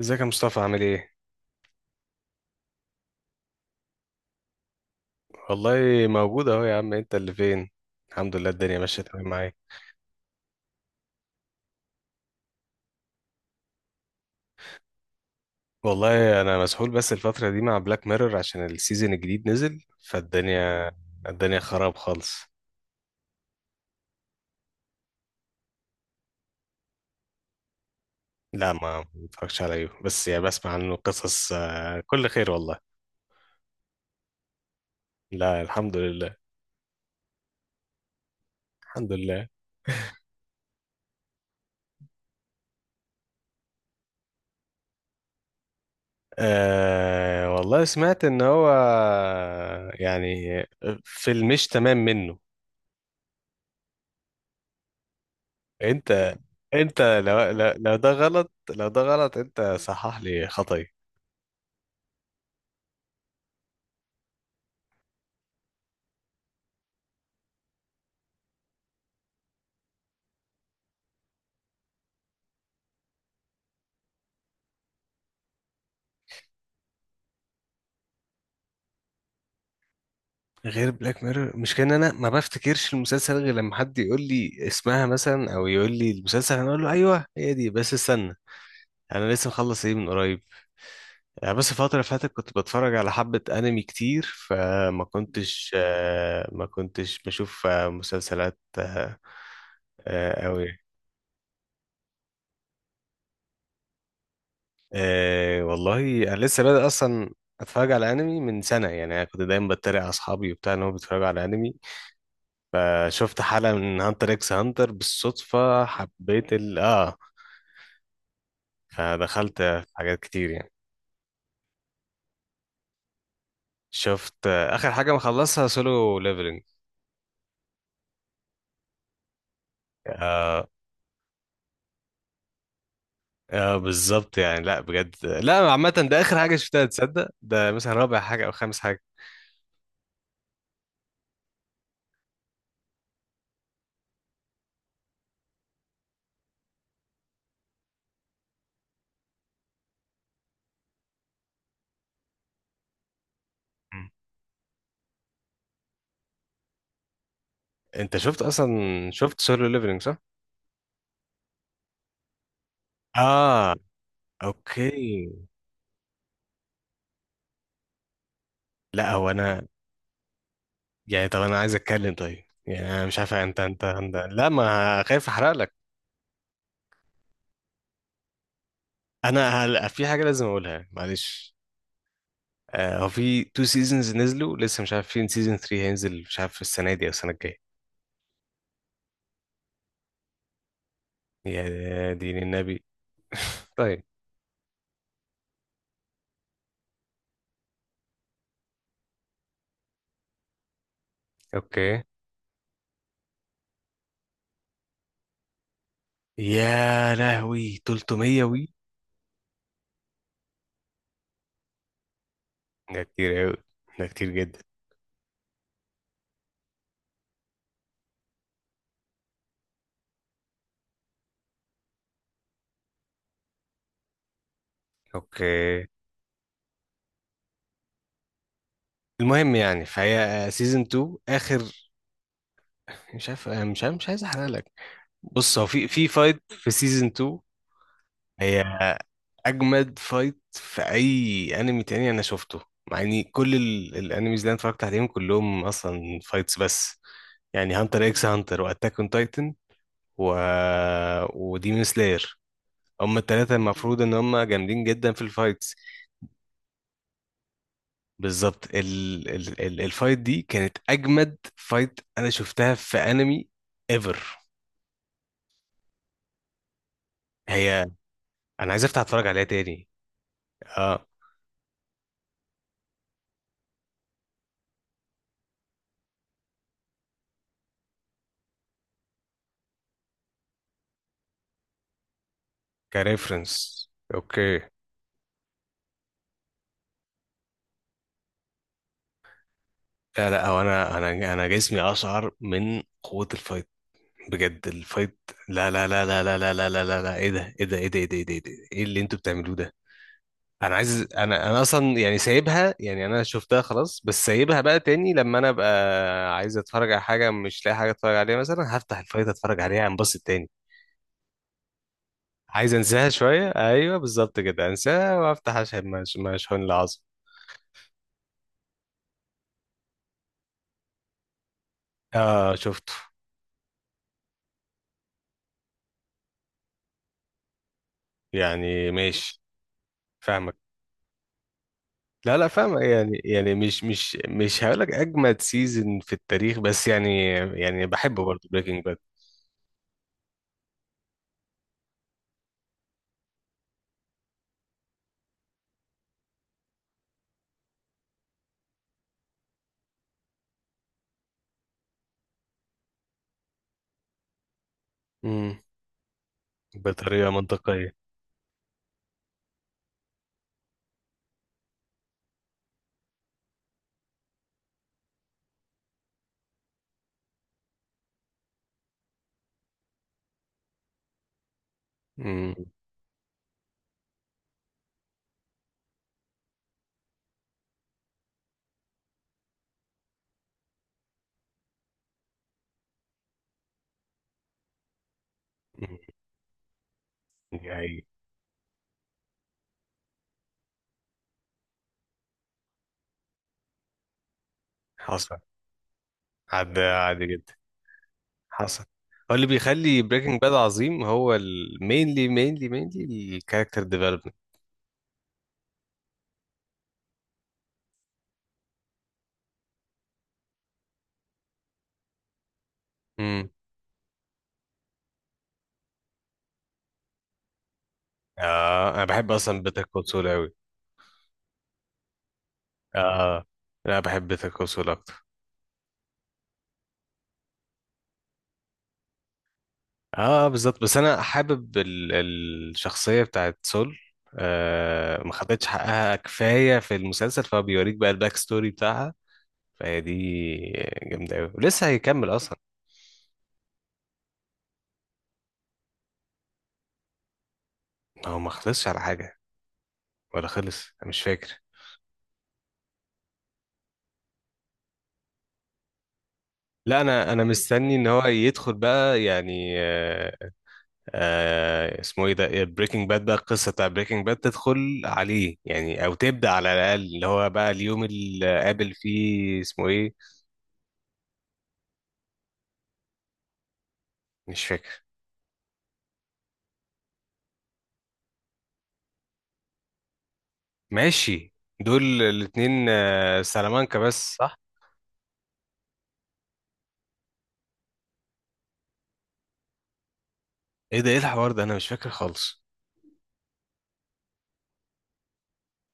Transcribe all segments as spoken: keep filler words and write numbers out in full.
ازيك يا مصطفى، عامل ايه؟ والله موجود اهو يا عم، انت اللي فين؟ الحمد لله، الدنيا ماشية تمام معايا. والله انا مسحول بس الفترة دي مع بلاك ميرور عشان السيزون الجديد نزل. فالدنيا الدنيا خراب خالص. لا، ما متفرجش عليه، بس يعني بسمع عنه قصص، آه، كل خير والله. لا، الحمد لله، الحمد لله. آه، والله سمعت ان هو يعني في المش تمام منه. انت انت لو لو لو ده غلط، لو ده غلط انت صحح لي خطأي. غير بلاك ميرور، مش كان انا ما بفتكرش المسلسل غير لما حد يقول لي اسمها مثلا، او يقول لي المسلسل انا اقول له ايوه هي دي، بس استنى. انا لسه مخلص ايه من قريب، يعني بس الفترة اللي فاتت كنت بتفرج على حبة أنمي كتير. فما كنتش آه، ما كنتش بشوف آه، مسلسلات أوي. أه، والله انا لسه بادئ اصلا اتفرج على انمي من سنه، يعني انا كنت دايما بتريق على اصحابي وبتاع ان هم بيتفرجوا على انمي، فشفت حلقه من هانتر اكس هانتر بالصدفه حبيت ال اه فدخلت في حاجات كتير يعني. شفت آه، اخر حاجه مخلصها سولو ليفلنج. اه. اه بالظبط يعني، لا بجد، لا عامه ده اخر حاجه شفتها، تصدق ده مثلا رابع حاجه او خامس حاجه. مم. انت شفت اصلا شفت سولو ليفلنج صح؟ اه. اوكي. لا، هو انا يعني، طب انا عايز اتكلم، طيب يعني انا مش عارف، انت انت, انت... لا، ما خايف احرق لك. انا هل... في حاجه لازم اقولها معلش. آه، هو في تو سيزونز نزلوا لسه، مش عارف فين سيزون تلاتة هينزل، مش عارف السنه دي او السنه الجايه. يا دين النبي. طيب. اوكي. يا لهوي، تلتميه وي. ده كتير قوي، ده كتير جدا. اوكي. المهم يعني، فهي سيزون اتنين اخر. مش عارف مش عارف مش عايز احرق لك. بص هو في في فايت في سيزون اتنين. هي اجمد فايت في اي انمي تاني انا شفته، مع اني كل ال- الانميز اللي انا اتفرجت عليهم كلهم اصلا فايتس، بس يعني هانتر اكس هانتر واتاك اون تايتن و وديمون سلاير، هما التلاتة المفروض ان هما جامدين جدا في الفايتس. بالظبط، ال... ال... ال... الفايت دي كانت اجمد فايت انا شفتها في انمي، ايفر. هي، انا عايز افتح اتفرج عليها تاني. اه. كريفرنس. اوكي. لا لا، هو انا انا انا جسمي اشعر من قوة الفايت، بجد الفايت. لا لا لا لا لا لا لا لا لا لا، ايه ده ايه ده ايه ده ايه ده ايه ده ايه ده؟ إيه اللي انتوا بتعملوه ده. انا عايز انا انا اصلا يعني سايبها، يعني انا شفتها خلاص، بس سايبها بقى تاني لما انا ابقى عايز اتفرج على حاجة مش لاقي حاجة اتفرج عليها، مثلا هفتح الفايت اتفرج عليها انبسط تاني. عايز انساها شوية، ايوه بالظبط كده، انساها وافتح اشحن مشحون العظم. اه شفته. يعني ماشي، فاهمك. لا لا، فاهم يعني، يعني مش مش مش هقول لك اجمد سيزون في التاريخ، بس يعني يعني بحبه برضه بريكنج باد. امم. بطريقه منطقيه. امم. أمم. يعني. حصل. عدى عادي جدا، حصل. هو اللي بيخلي بريكنج باد عظيم هو المينلي مينلي مينلي الكاركتر ديفلوبمنت. امم. اه، انا بحب اصلا بيتر كول سول قوي. اه، لا بحب بيتر كول سول. اه بالظبط، بس انا حابب ال- الشخصيه بتاعت سول. آه، ما خدتش حقها كفايه في المسلسل فبيوريك بقى الباك ستوري بتاعها، فهي دي جامده قوي ولسه هيكمل اصلا. هو ما خلصش على حاجه ولا خلص، انا مش فاكر. لا، انا انا مستني ان هو يدخل بقى، يعني آه. آه، اسمه ايه ده بريكنج باد، بقى القصه بتاع بريكنج باد تدخل عليه، يعني او تبدا على الاقل اللي هو بقى اليوم اللي قابل فيه اسمه ايه. مش فاكر. ماشي. دول الاتنين آه، سلامانكا، بس صح. ايه ده، ايه الحوار ده؟ انا مش فاكر خالص.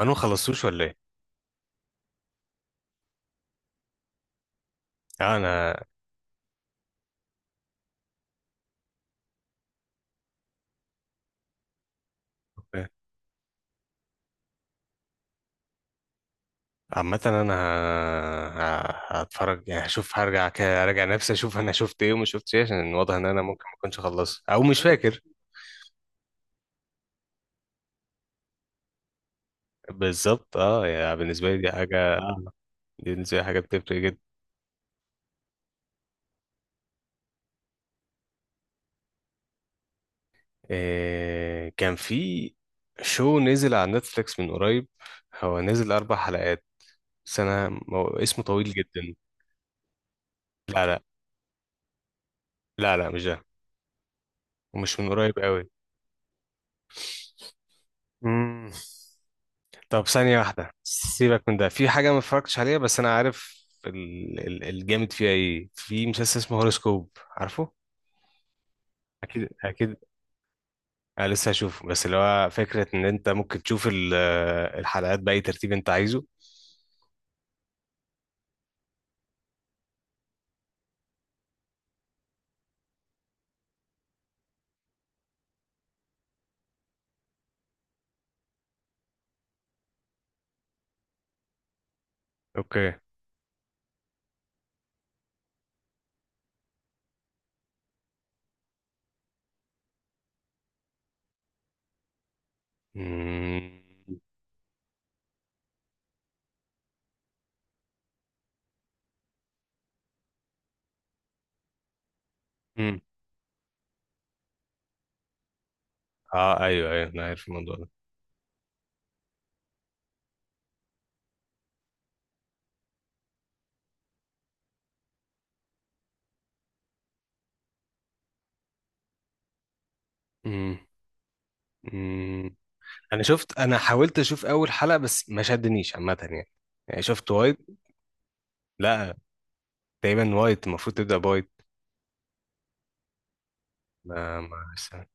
انا ما خلصتوش ولا ايه؟ آه، انا. عامة انا ه- ه- هتفرج، يعني هشوف هرجع كده، ارجع نفسي اشوف انا شفت ايه وما شفتش ايه، عشان واضح ان انا ممكن ما اكونش خلصت او مش فاكر. بالظبط اه، يعني بالنسبة لي دي حاجة، دي بالنسبة لي حاجة بتفرق جدا. إيه كان في، شو نزل على نتفليكس من قريب، هو نزل اربع حلقات، بس انا مو- اسمه طويل جدا. لا لا لا لا، مش ده، ومش من قريب قوي. مم. طب ثانية واحدة، سيبك من ده، في حاجة ما اتفرجتش عليها بس أنا عارف ال... ال... الجامد فيها إيه، في مسلسل اسمه هوروسكوب، عارفه؟ أكيد أكيد، أنا لسه هشوفه، بس اللي هو فكرة إن أنت ممكن تشوف ال... الحلقات بأي ترتيب أنت عايزه. أوكي. مم. مم. أه أيوه أيوه، أنا عارف الموضوع ده. مم. مم. أنا شفت أنا حاولت أشوف أول حلقة، بس ما شدنيش عامة يعني، يعني شفت وايد. لا، تقريبا وايت المفروض تبدأ بايت. ما ما استنى.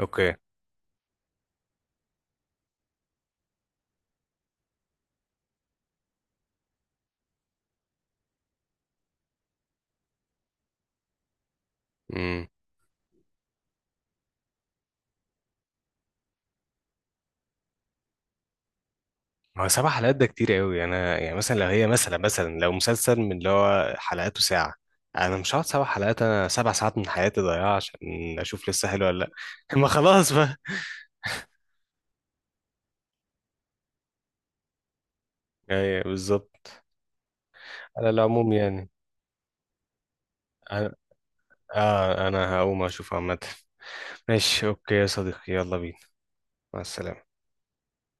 اوكي. امم. ما هو سبع حلقات ده كتير قوي، انا يعني مثلا لو هي مثلا مثلا لو مسلسل من اللي هو حلقاته ساعة، انا مش هقعد سبع حلقات، انا سبع ساعات من حياتي ضايعة عشان اشوف لسه حلو ولا. لا، ما خلاص بقى. ايوه بالظبط. على العموم يعني. انا. آه، انا هقوم اشوف عامة. ماشي اوكي يا صديقي، يلا بينا. مع السلامة.